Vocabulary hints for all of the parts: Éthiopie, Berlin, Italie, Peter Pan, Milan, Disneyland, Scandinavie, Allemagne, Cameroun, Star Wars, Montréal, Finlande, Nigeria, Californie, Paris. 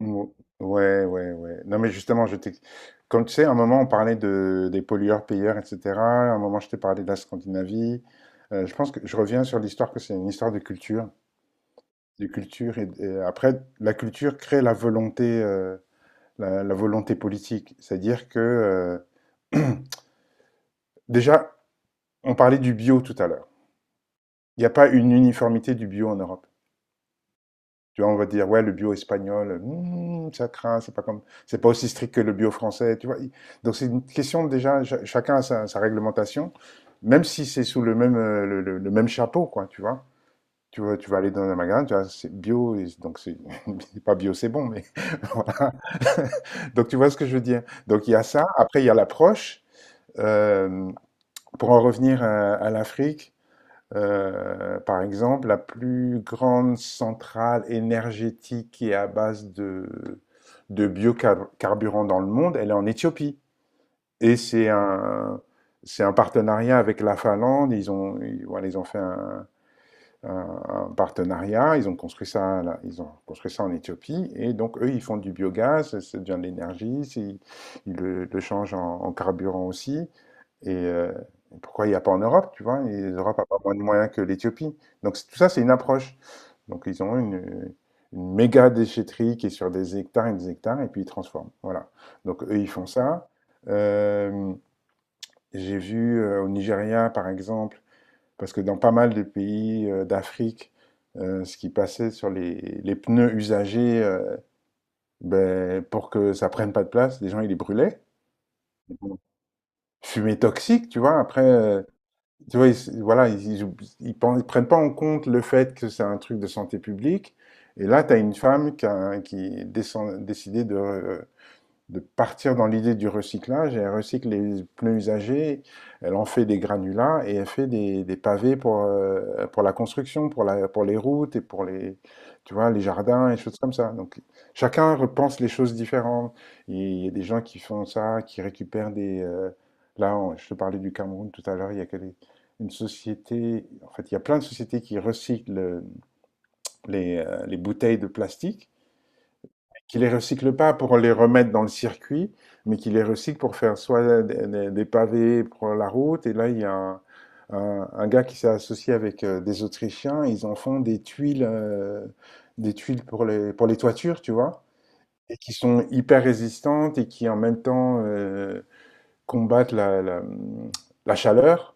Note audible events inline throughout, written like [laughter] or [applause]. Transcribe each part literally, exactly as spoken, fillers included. Ou- Ouais, ouais, ouais. Non, mais justement, je t'ai. Comme tu sais, à un moment, on parlait de, des pollueurs-payeurs, et cetera. À un moment, je t'ai parlé de la Scandinavie. Euh, je pense que je reviens sur l'histoire que c'est une histoire de culture. De culture et, et après, la culture crée la volonté, euh, la, la volonté politique. C'est-à-dire que, euh, [clears throat] déjà, on parlait du bio tout à l'heure. Il n'y a pas une uniformité du bio en Europe. Tu vois, on va dire, ouais, le bio espagnol, hmm, ça craint, c'est pas comme, c'est pas aussi strict que le bio français, tu vois. Donc c'est une question déjà, cha- chacun a sa, sa réglementation, même si c'est sous le même, euh, le, le- le même chapeau, quoi, tu vois. Tu vois, tu vas aller dans un magasin, tu vois, c'est bio, et donc c'est [laughs] pas bio, c'est bon, mais [laughs] voilà. Donc tu vois ce que je veux dire. Donc il y a ça. Après il y a l'approche. Euh, pour en revenir à, à l'Afrique, euh, par exemple, la plus grande centrale énergétique qui est à base de, de biocarburant dans le monde, elle est en Éthiopie. Et c'est un, c'est un partenariat avec la Finlande. Ils ont, ils, voilà, ils ont fait un, un- un partenariat. Ils ont construit ça, là, ils ont construit ça en Éthiopie. Et donc eux, ils font du biogaz. Ça devient de l'énergie. c'est- Ils, le, le changent en, en carburant aussi. Et euh, pourquoi il n'y a pas en Europe, tu vois? Et L'Europe n'a pas moins de moyens que l'Éthiopie. Donc c'est- tout ça, c'est une approche. Donc ils ont une, une méga déchetterie qui est sur des hectares et des hectares, et puis ils transforment. Voilà. Donc eux, ils font ça. Euh, j'ai vu euh, au Nigeria, par exemple, parce que dans pas mal de pays euh, d'Afrique, euh, ce qui passait sur les, les pneus usagés, euh, ben, pour que ça prenne pas de place, les gens, ils les brûlaient. Bon, Fumée toxique, tu vois, après, euh, tu vois, ils, voilà, ils, ils, ils ils prennent pas en compte le fait que c'est un truc de santé publique. Et là, tu as une femme qui a, qui décide- décidé de, euh, de partir dans l'idée du recyclage. Et elle recycle les pneus usagés, elle en fait des granulats et elle fait des, des pavés pour, euh, pour la construction, pour, la, pour les routes et pour les, tu vois, les jardins et choses comme ça. Donc chacun repense les choses différentes. Il y a des gens qui font ça, qui récupèrent des... euh, là, on- je te parlais du Cameroun tout à l'heure, il y a que les- une société, en fait, il y a plein de sociétés qui recyclent euh, les, euh, les bouteilles de plastique qui les recycle pas pour les remettre dans le circuit, mais qui les recycle pour faire soit des, des- pavés pour la route. Et là, il y a un, un- un gars qui s'est associé avec euh, des Autrichiens. Ils en font des tuiles, euh, des tuiles pour les, pour les toitures, tu vois, et qui sont hyper résistantes et qui en même temps euh, combattent la, la, la chaleur,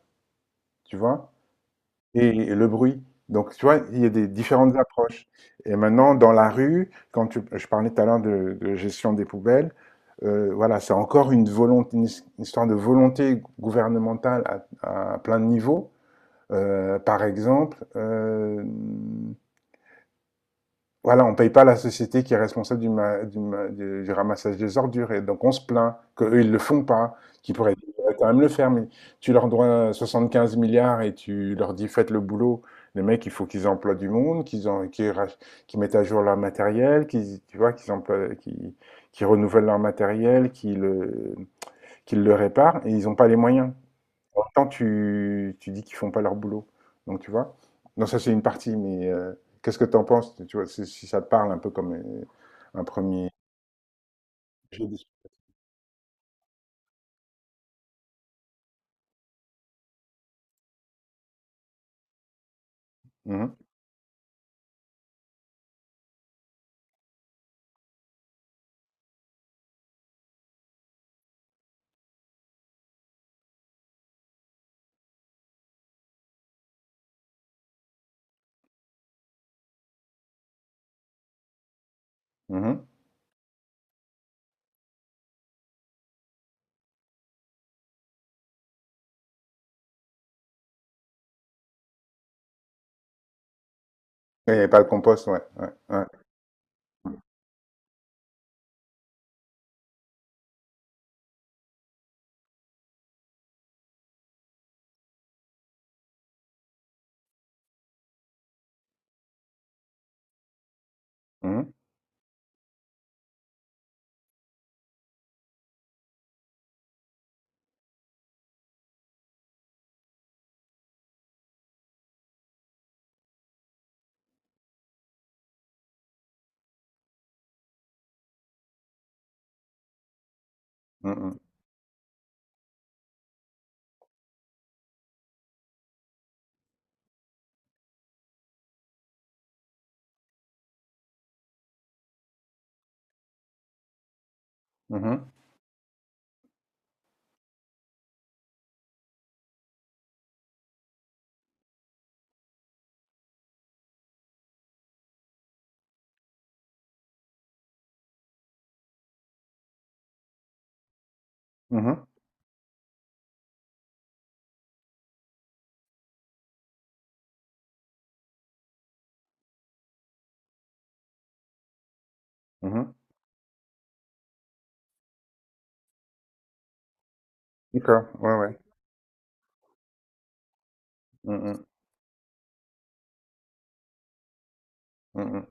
tu vois. Et et le bruit. Donc, tu vois, il y a des différentes approches. Et maintenant, dans la rue, quand tu, je parlais tout à l'heure de, de gestion des poubelles, euh, voilà, c'est encore une volonté, une his- une histoire de volonté gouvernementale à, à plein de niveaux. Euh, par exemple, euh, voilà, on ne paye pas la société qui est responsable du, ma- du, du- du ramassage des ordures. Et donc, on se plaint qu'eux, ils ne le font pas, qu'ils pourraient quand même le faire. Mais tu leur dois soixante-quinze milliards et tu leur dis, faites le boulot. Les mecs, il faut qu'ils emploient du monde, qu'ils en- qu'ils rach- qu'ils mettent à jour leur matériel, qu'ils, tu vois, qu'ils emploient, qu'ils, qu'ils renouvellent leur matériel, qu'ils le, qu'ils le réparent. Et ils n'ont pas les moyens. En même temps, tu, tu dis qu'ils font pas leur boulot. Donc, tu vois. Non, ça, c'est une partie, mais euh, qu'est-ce que tu en penses? Tu vois, si si ça te parle un peu comme euh, un premier. J'ai des-. Mhm, mhm. Et pas le compost, ouais, ouais, ouais. Mhm, mhm, mhm, mhm, mhm. D'accord, ouais, ouais. Mhm, mhm,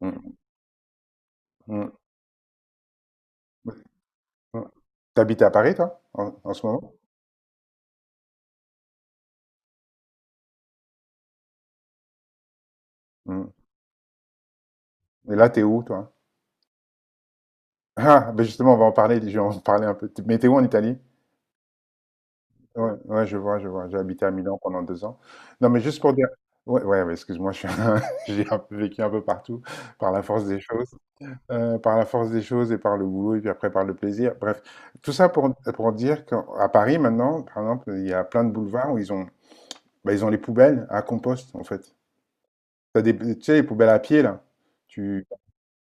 mhm, mhm, mhm. T'habites à Paris, toi, en, en ce moment? Mhm. Et là, t'es où, toi? Ah, ben justement, on va en parler, je vais en parler un peu. Mais t'es où en Italie? Ouais, ouais, je vois, je vois. J'ai habité à Milan pendant deux ans. Non, mais juste pour dire ouais, ouais, ouais, excuse-moi, je suis un [laughs] j'ai un peu vécu un peu partout par la force des choses, heu, par la force des choses et par le boulot et puis après par le plaisir. Bref, tout ça pour pour dire qu'à Paris maintenant, par exemple, il y a plein de boulevards où ils ont, bah, ils ont les poubelles à compost, en fait. Tu as des, tu sais, les poubelles à pied là. Tu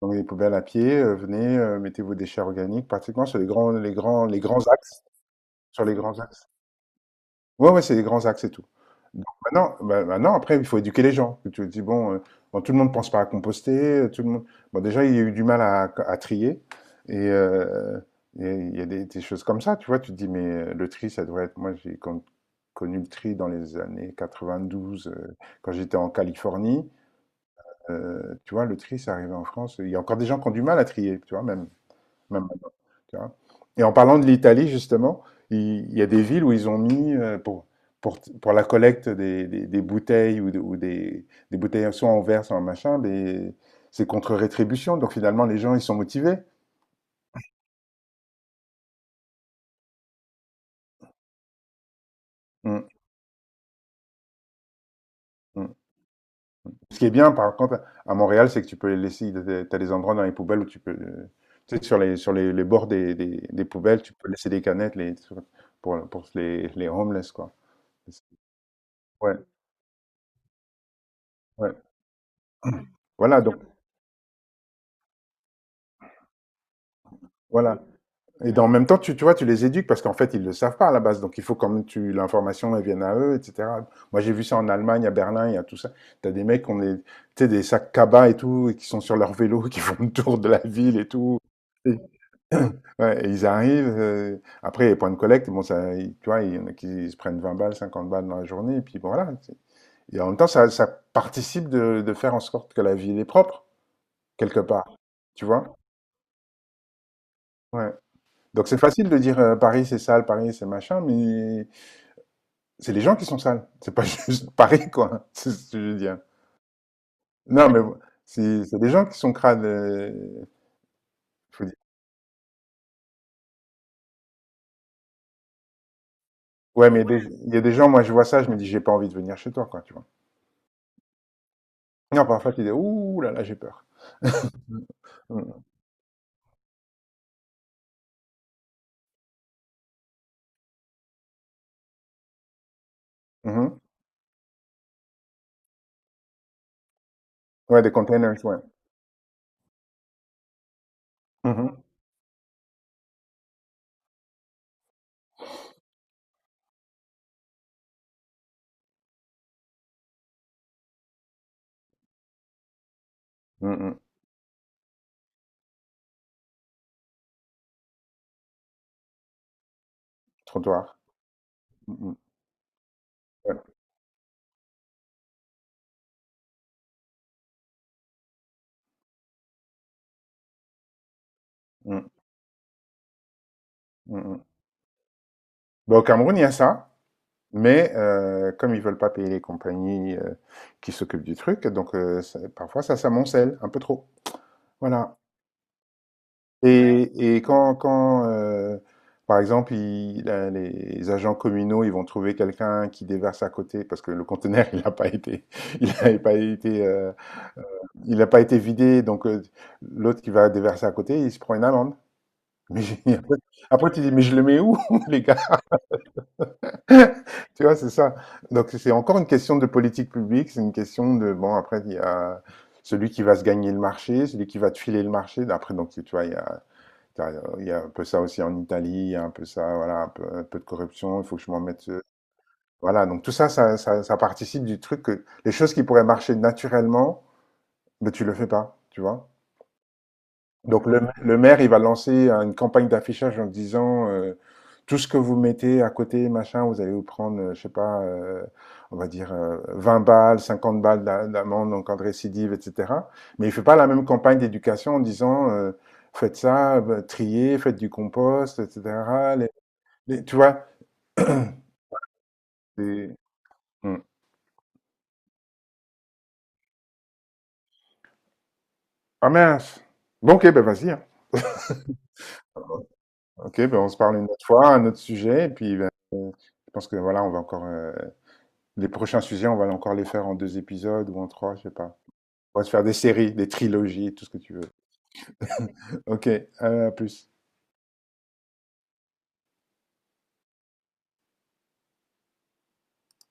Dans les poubelles à pied, heu, venez, heu, mettez vos déchets organiques pratiquement sur les grands les grands les grands axes, sur les grands axes. Ouais, ouais, c'est les grands axes et tout. Donc maintenant bah, maintenant, après, il faut éduquer les gens. Tu te dis, bon, heu, bon, tout le monde ne pense pas à composter, heu, tout le monde bon, déjà, il y a eu du mal à à trier et heu et il y a des des choses comme ça, tu vois? Tu te dis: «Mais heu, le tri, ça devrait être» moi, j'ai con connu le tri dans les années quatre-vingt-douze, heu, quand j'étais en Californie. Heu, tu vois, le tri, c'est arrivé en France. Il y a encore des gens qui ont du mal à trier, tu vois? Même même tu vois. Et en parlant de l'Italie, justement, il y a des villes où ils ont mis, euh, pour, pour, pour la collecte des, des, des bouteilles ou, de- ou des, des bouteilles soit en verre, soit en machin, des- c'est contre rétribution. Donc finalement, les gens, ils sont motivés. Mm, mm. Ce qui est bien, par contre, à Montréal, c'est que tu peux les laisser, tu as des endroits dans les poubelles où tu peux, euh, tu sais, sur les, sur les, les bords des, des- des poubelles, tu peux laisser des canettes les, sur- pour, pour les, les homeless, quoi. Ouais, ouais. Voilà, donc, voilà. Et dans, en même temps, tu, tu vois, tu les éduques parce qu'en fait, ils ne le savent pas à la base. Donc, il faut quand même tu l'information elle vienne à eux, et cetera. Moi, j'ai vu ça en Allemagne, à Berlin, il y a tout ça. T'as des mecs qui ont des, tu sais, des sacs cabas et tout, et qui sont sur leur vélo, [laughs] qui font le tour de la ville et tout. Et, [clears throat] ouais, et ils arrivent. Euh, après, les points de collecte, bon, ça, ils- tu vois, il y en a qui se prennent vingt balles, cinquante balles dans la journée, et puis bon, voilà. c'est- Et en même temps, ça, ça participe de, de faire en sorte que la ville est propre, quelque part. Tu vois? Ouais. Donc c'est facile de dire euh, Paris c'est sale, Paris c'est machin, mais c'est les gens qui sont sales. C'est pas [laughs] juste Paris quoi. [laughs] C'est ce que je veux dire. Non mais c'est c'est des gens qui sont crades. Euh, faut dire. Ouais mais il y, a des il y a des gens, moi je vois ça, je me dis j'ai pas envie de venir chez toi quoi, tu vois. Non parfois tu dis ouh là là, j'ai peur. Mhm. Mhm. Ouais, des containers, ouais. Mhm. Mhm. Trottoir. Mhm. Ouais. Mhm. Mhm. Bah, au Cameroun il y a ça. Mais euh, comme ils veulent pas payer les compagnies euh, qui s'occupent du truc, donc euh, ça- parfois ça s'amoncelle un peu trop. Voilà. Ouais. Et, et quand, quand euh, par exemple, il- la- les agents communaux, ils vont trouver quelqu'un qui déverse à côté parce que le conteneur, [laughs] il n'a pas été, [laughs] il n'avait pas été, euh, il n'a pas été vidé, donc euh, l'autre qui va déverser à côté, il se prend une amende. Mais j'ai- [laughs] après, après, tu dis, mais je le mets où, [laughs] les gars? [laughs] Tu vois, c'est ça. Donc, c'est encore une question de politique publique, c'est une question de, bon, après, il y a celui qui va se gagner le marché, celui qui va te filer le marché. Après, donc, tu vois, il y a, t'as- il y a un peu ça aussi en Italie, il y a un peu ça, voilà, un peu, un peu de corruption, il faut que je m'en mette. euh, Voilà, donc tout ça, ça, ça, ça participe du truc que les choses qui pourraient marcher naturellement, mais tu le fais pas, tu vois. Donc le, le maire, il va lancer une campagne d'affichage en disant euh, tout ce que vous mettez à côté, machin, vous allez vous prendre, euh, je sais pas, euh, on va dire euh, vingt balles, cinquante balles d'a- d'amende en cas de récidive, et cetera. Mais il fait pas la même campagne d'éducation en disant euh, faites ça, bah, triez, faites du compost, et cetera. Les- les- tu vois c'est- Hmm. Ah mince, bon, ok, ben vas-y, hein. Ok, ben on se parle une autre fois, un autre sujet, et puis ben, euh, je pense que voilà, on va encore euh, les prochains sujets, on va encore les faire en deux épisodes ou en trois, je sais pas. On va se faire des séries, des trilogies, tout ce que tu veux. Ok, à plus.